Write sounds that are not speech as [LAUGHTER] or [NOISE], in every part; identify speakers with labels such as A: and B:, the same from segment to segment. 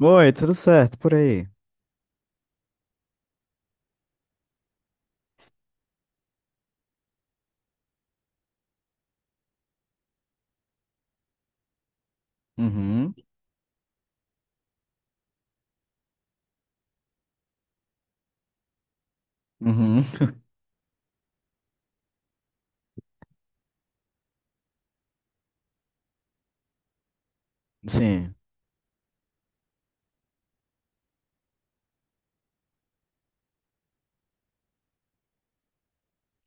A: Oi, tudo certo por aí? Uhum, uhum. [LAUGHS] Sim.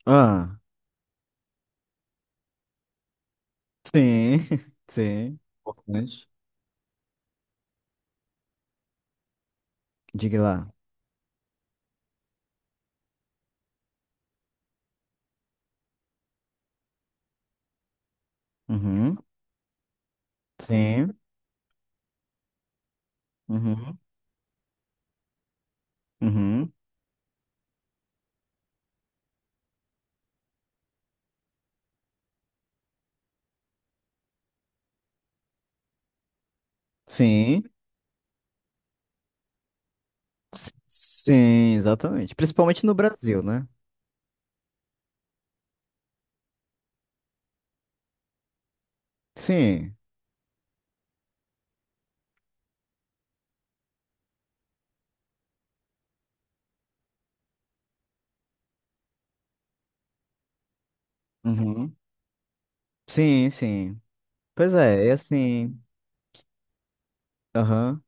A: Ah, sim, [LAUGHS] sim. Importante. Diga lá. Uhum, sim, uhum, uhum, sim, sim, exatamente. Principalmente no Brasil, né? Sim, uhum, sim, sim. Pois é, é assim. Aham,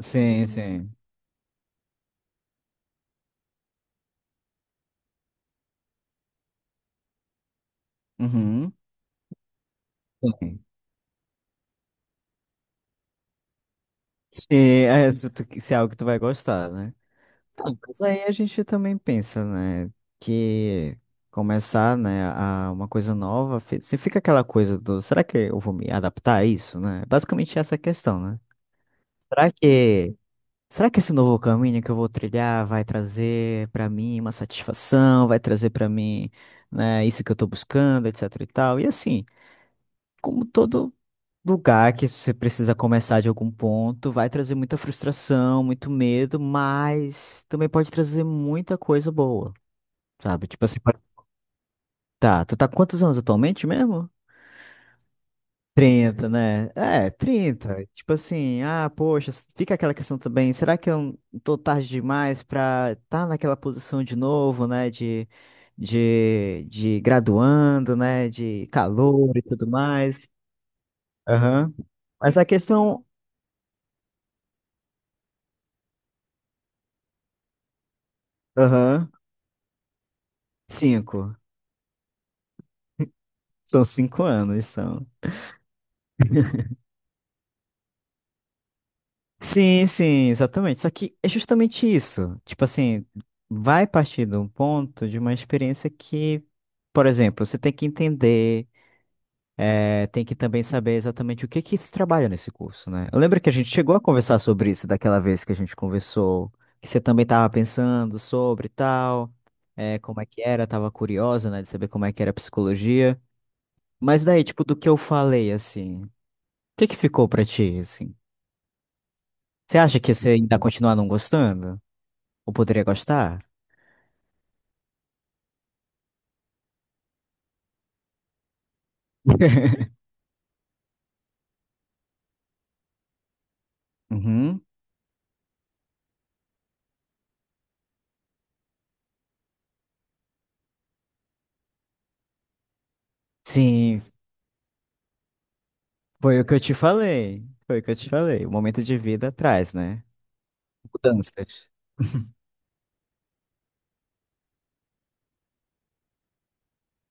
A: sim, sim. Uhum, sim. Sim, se é algo que tu vai gostar, né? Não, mas aí a gente também pensa, né, que começar, né, a uma coisa nova, se fica aquela coisa do, será que eu vou me adaptar a isso, né? Basicamente essa é a questão, né? Será que, será que esse novo caminho que eu vou trilhar vai trazer pra mim uma satisfação, vai trazer pra mim, né, isso que eu tô buscando, etc e tal. E assim, como todo lugar que você precisa começar de algum ponto, vai trazer muita frustração, muito medo, mas também pode trazer muita coisa boa, sabe? Tipo assim, tá, tu tá com quantos anos atualmente mesmo? Trinta, né? É, trinta. Tipo assim, ah, poxa, fica aquela questão também, será que eu tô tarde demais pra tá naquela posição de novo, né? De graduando, né? De calor e tudo mais. Aham. Mas a questão. Aham. Cinco. São cinco anos, são. Sim, sim, exatamente. Só que é justamente isso. Tipo assim, vai partir de um ponto de uma experiência que, por exemplo, você tem que entender, tem que também saber exatamente o que que se trabalha nesse curso, né? Eu lembro que a gente chegou a conversar sobre isso daquela vez que a gente conversou, que você também estava pensando sobre e tal, como é que era, estava curiosa, né, de saber como é que era a psicologia. Mas daí, tipo, do que eu falei, assim, o que que ficou pra ti, assim? Você acha que você ainda continua não gostando? Ou poderia gostar? [LAUGHS] Uhum. Sim, foi o que eu te falei. Foi o que eu te falei. O momento de vida traz, né? Mudanças.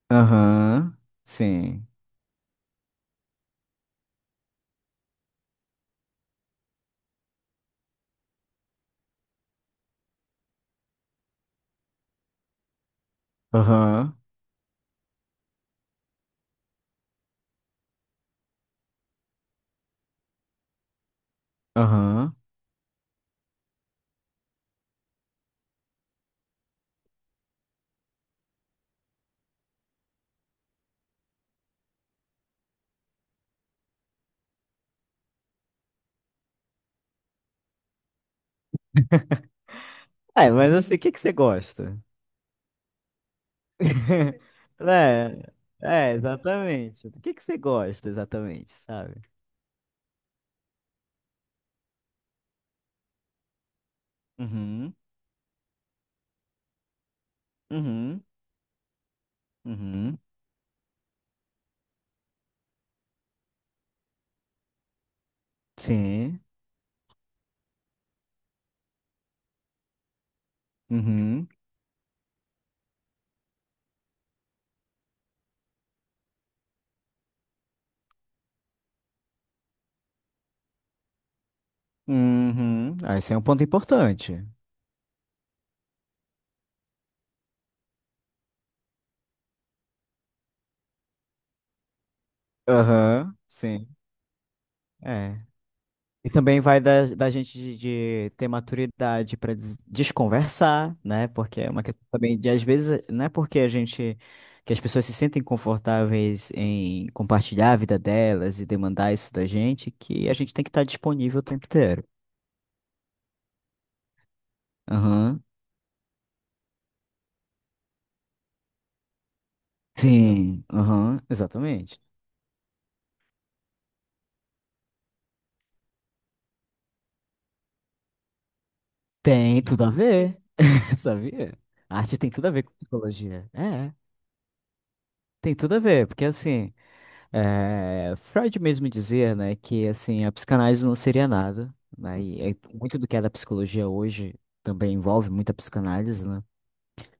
A: Aham, sim. Aham, aham. É, mas assim, o que que você gosta? [LAUGHS] É, é, exatamente. O que que você gosta exatamente, sabe? Uhum, uhum, uhum. Sim, uhum, uhum. Ah, esse é um ponto importante. Aham, sim. É. E também vai da gente de ter maturidade para desconversar, né? Porque é uma questão também de, às vezes, não é porque a gente, que as pessoas se sentem confortáveis em compartilhar a vida delas e demandar isso da gente, que a gente tem que estar disponível o tempo inteiro. Aham. Sim, aham, exatamente. Tem tudo a ver, [LAUGHS] sabia? A arte tem tudo a ver com psicologia. É, tem tudo a ver, porque assim. É, Freud mesmo dizia, né, que assim, a psicanálise não seria nada, né, muito do que é da psicologia hoje também envolve muita psicanálise, né,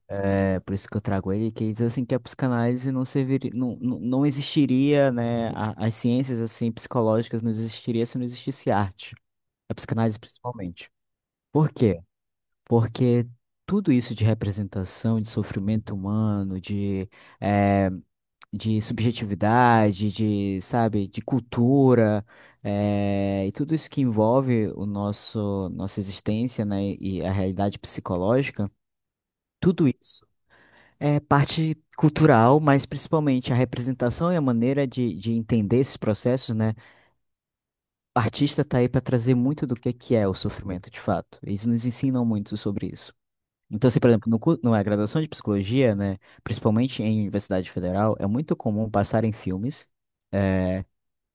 A: por isso que eu trago ele, que ele diz assim que a psicanálise não serviria, não existiria, né, as ciências assim psicológicas não existiria se não existisse arte, a psicanálise principalmente. Por quê? Porque tudo isso de representação, de sofrimento humano, é, de subjetividade, de, sabe, de cultura, e tudo isso que envolve nossa existência, né, e a realidade psicológica, tudo isso é parte cultural, mas principalmente a representação e a maneira de entender esses processos, né? O artista tá aí para trazer muito do que é o sofrimento de fato. Eles nos ensinam muito sobre isso. Então, assim, por exemplo, no, cu- na graduação de psicologia, né, principalmente em Universidade Federal, é muito comum passarem filmes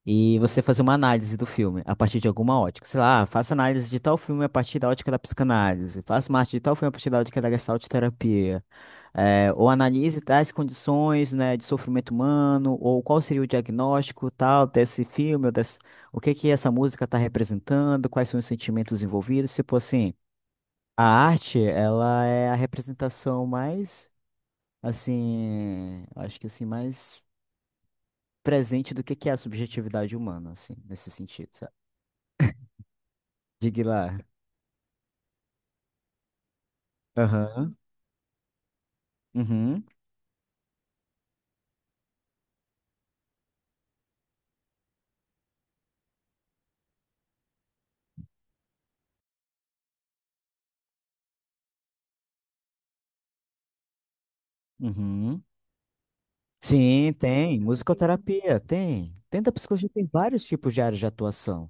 A: e você fazer uma análise do filme a partir de alguma ótica. Sei lá, "Ah, faça análise de tal filme a partir da ótica da psicanálise, faça uma arte de tal filme a partir da ótica da gestalt terapia. É, ou analise tais condições, né, de sofrimento humano, ou qual seria o diagnóstico tal desse filme, ou desse, o que que essa música está representando, quais são os sentimentos envolvidos, tipo assim, a arte, ela é a representação mais, assim, acho que assim, mais presente do que é a subjetividade humana, assim, nesse sentido, sabe? De Guilar. Aham. Uhum. Uhum. Sim, tem. Musicoterapia, tem. Dentro da psicologia tem vários tipos de áreas de atuação.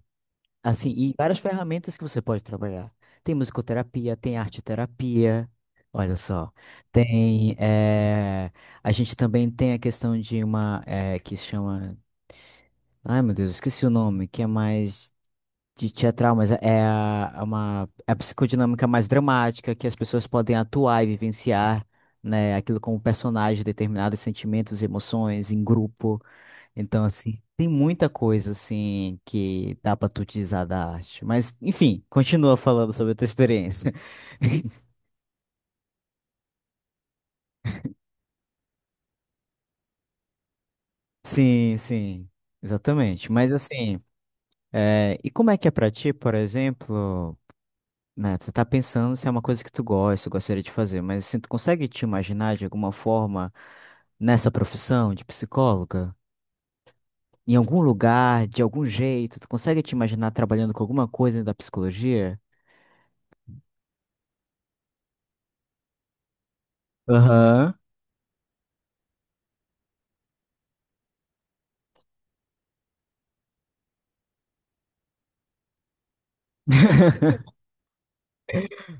A: Assim, e várias ferramentas que você pode trabalhar. Tem musicoterapia, tem arteterapia. Olha só. Tem. A gente também tem a questão de uma que se chama. Ai, meu Deus, esqueci o nome, que é mais. De teatral, mas é é a- é uma é a psicodinâmica mais dramática que as pessoas podem atuar e vivenciar, né, aquilo como personagem, determinados sentimentos, emoções em grupo. Então, assim, tem muita coisa assim que dá pra tu utilizar da arte. Mas, enfim, continua falando sobre a tua experiência. [LAUGHS] Sim, sim, exatamente. Mas assim, e como é que é pra ti, por exemplo? Né, você tá pensando se é uma coisa que tu gosta, gostaria de fazer, mas assim, tu consegue te imaginar de alguma forma nessa profissão de psicóloga? Em algum lugar, de algum jeito, tu consegue te imaginar trabalhando com alguma coisa da psicologia? Aham.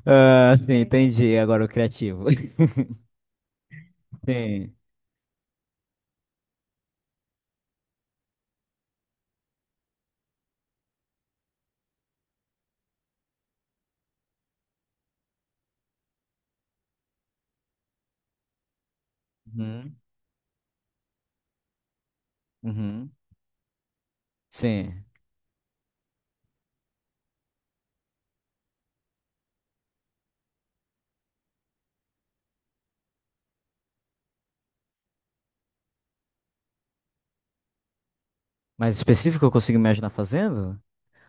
A: Ah, sim, entendi. Agora o criativo. [LAUGHS] Sim. Uhum. Uhum. Sim. Mas específico eu consigo imaginar fazendo?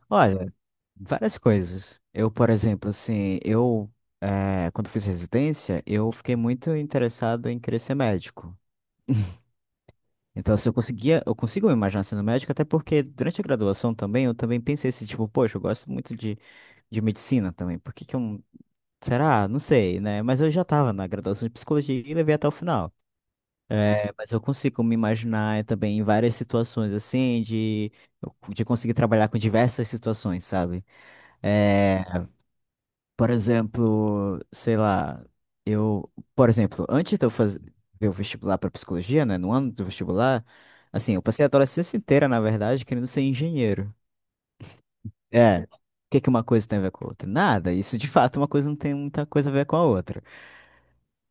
A: Olha, várias coisas. Eu, por exemplo, assim, quando fiz residência, eu fiquei muito interessado em querer ser médico. Então, se eu conseguia, eu consigo me imaginar sendo médico, até porque durante a graduação também, eu também pensei assim, tipo, poxa, eu gosto muito de medicina também, por que que eu não... Será? Não sei, né? Mas eu já estava na graduação de psicologia e levei até o final. Mas eu consigo me imaginar também em várias situações, assim, de conseguir trabalhar com diversas situações, sabe? Eh, Por exemplo, sei lá, eu, por exemplo, antes de eu fazer o vestibular para psicologia, né, no ano do vestibular, assim, eu passei a adolescência inteira, na verdade, querendo ser engenheiro. É. O que que uma coisa tem a ver com a outra? Nada. Isso de fato, é uma coisa não tem muita coisa a ver com a outra.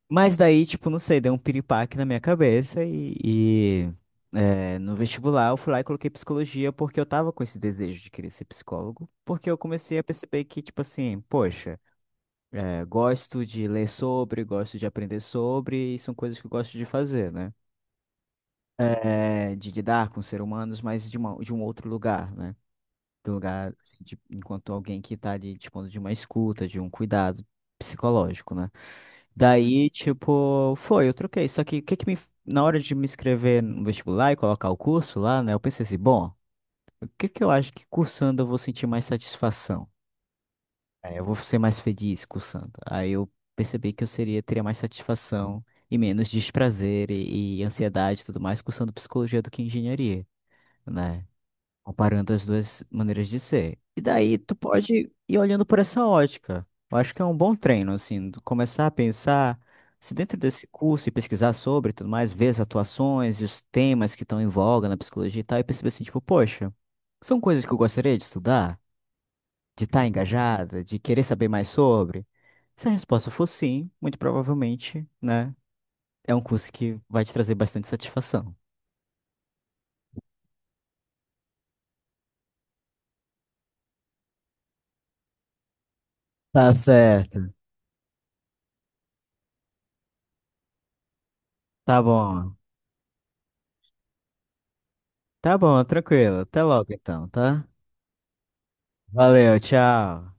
A: Mas daí, tipo, não sei, deu um piripaque na minha cabeça e, no vestibular eu fui lá e coloquei psicologia porque eu tava com esse desejo de querer ser psicólogo, porque eu comecei a perceber que, tipo assim, poxa. É, gosto de ler sobre, gosto de aprender sobre, e são coisas que eu gosto de fazer, né? É, de lidar com seres humanos, mas de um outro lugar, né? Do lugar, assim, enquanto alguém que tá ali dispondo de uma escuta, de um cuidado psicológico, né? Daí, tipo, foi, eu troquei. Só que, o que que me, na hora de me inscrever no vestibular e colocar o curso lá, né? Eu pensei assim, bom, o que que eu acho que cursando eu vou sentir mais satisfação? É, eu vou ser mais feliz cursando. Aí eu percebi que eu seria, teria mais satisfação e menos desprazer e ansiedade e tudo mais cursando psicologia do que engenharia, né? Comparando as duas maneiras de ser. E daí tu pode ir olhando por essa ótica. Eu acho que é um bom treino, assim, tu começar a pensar se dentro desse curso e pesquisar sobre e tudo mais, ver as atuações e os temas que estão em voga na psicologia e tal, e perceber assim, tipo, poxa, são coisas que eu gostaria de estudar? De estar engajada, de querer saber mais sobre? Se a resposta for sim, muito provavelmente, né, é um curso que vai te trazer bastante satisfação. Tá certo. Tá bom. Tá bom, tranquilo. Até logo então, tá? Valeu, tchau.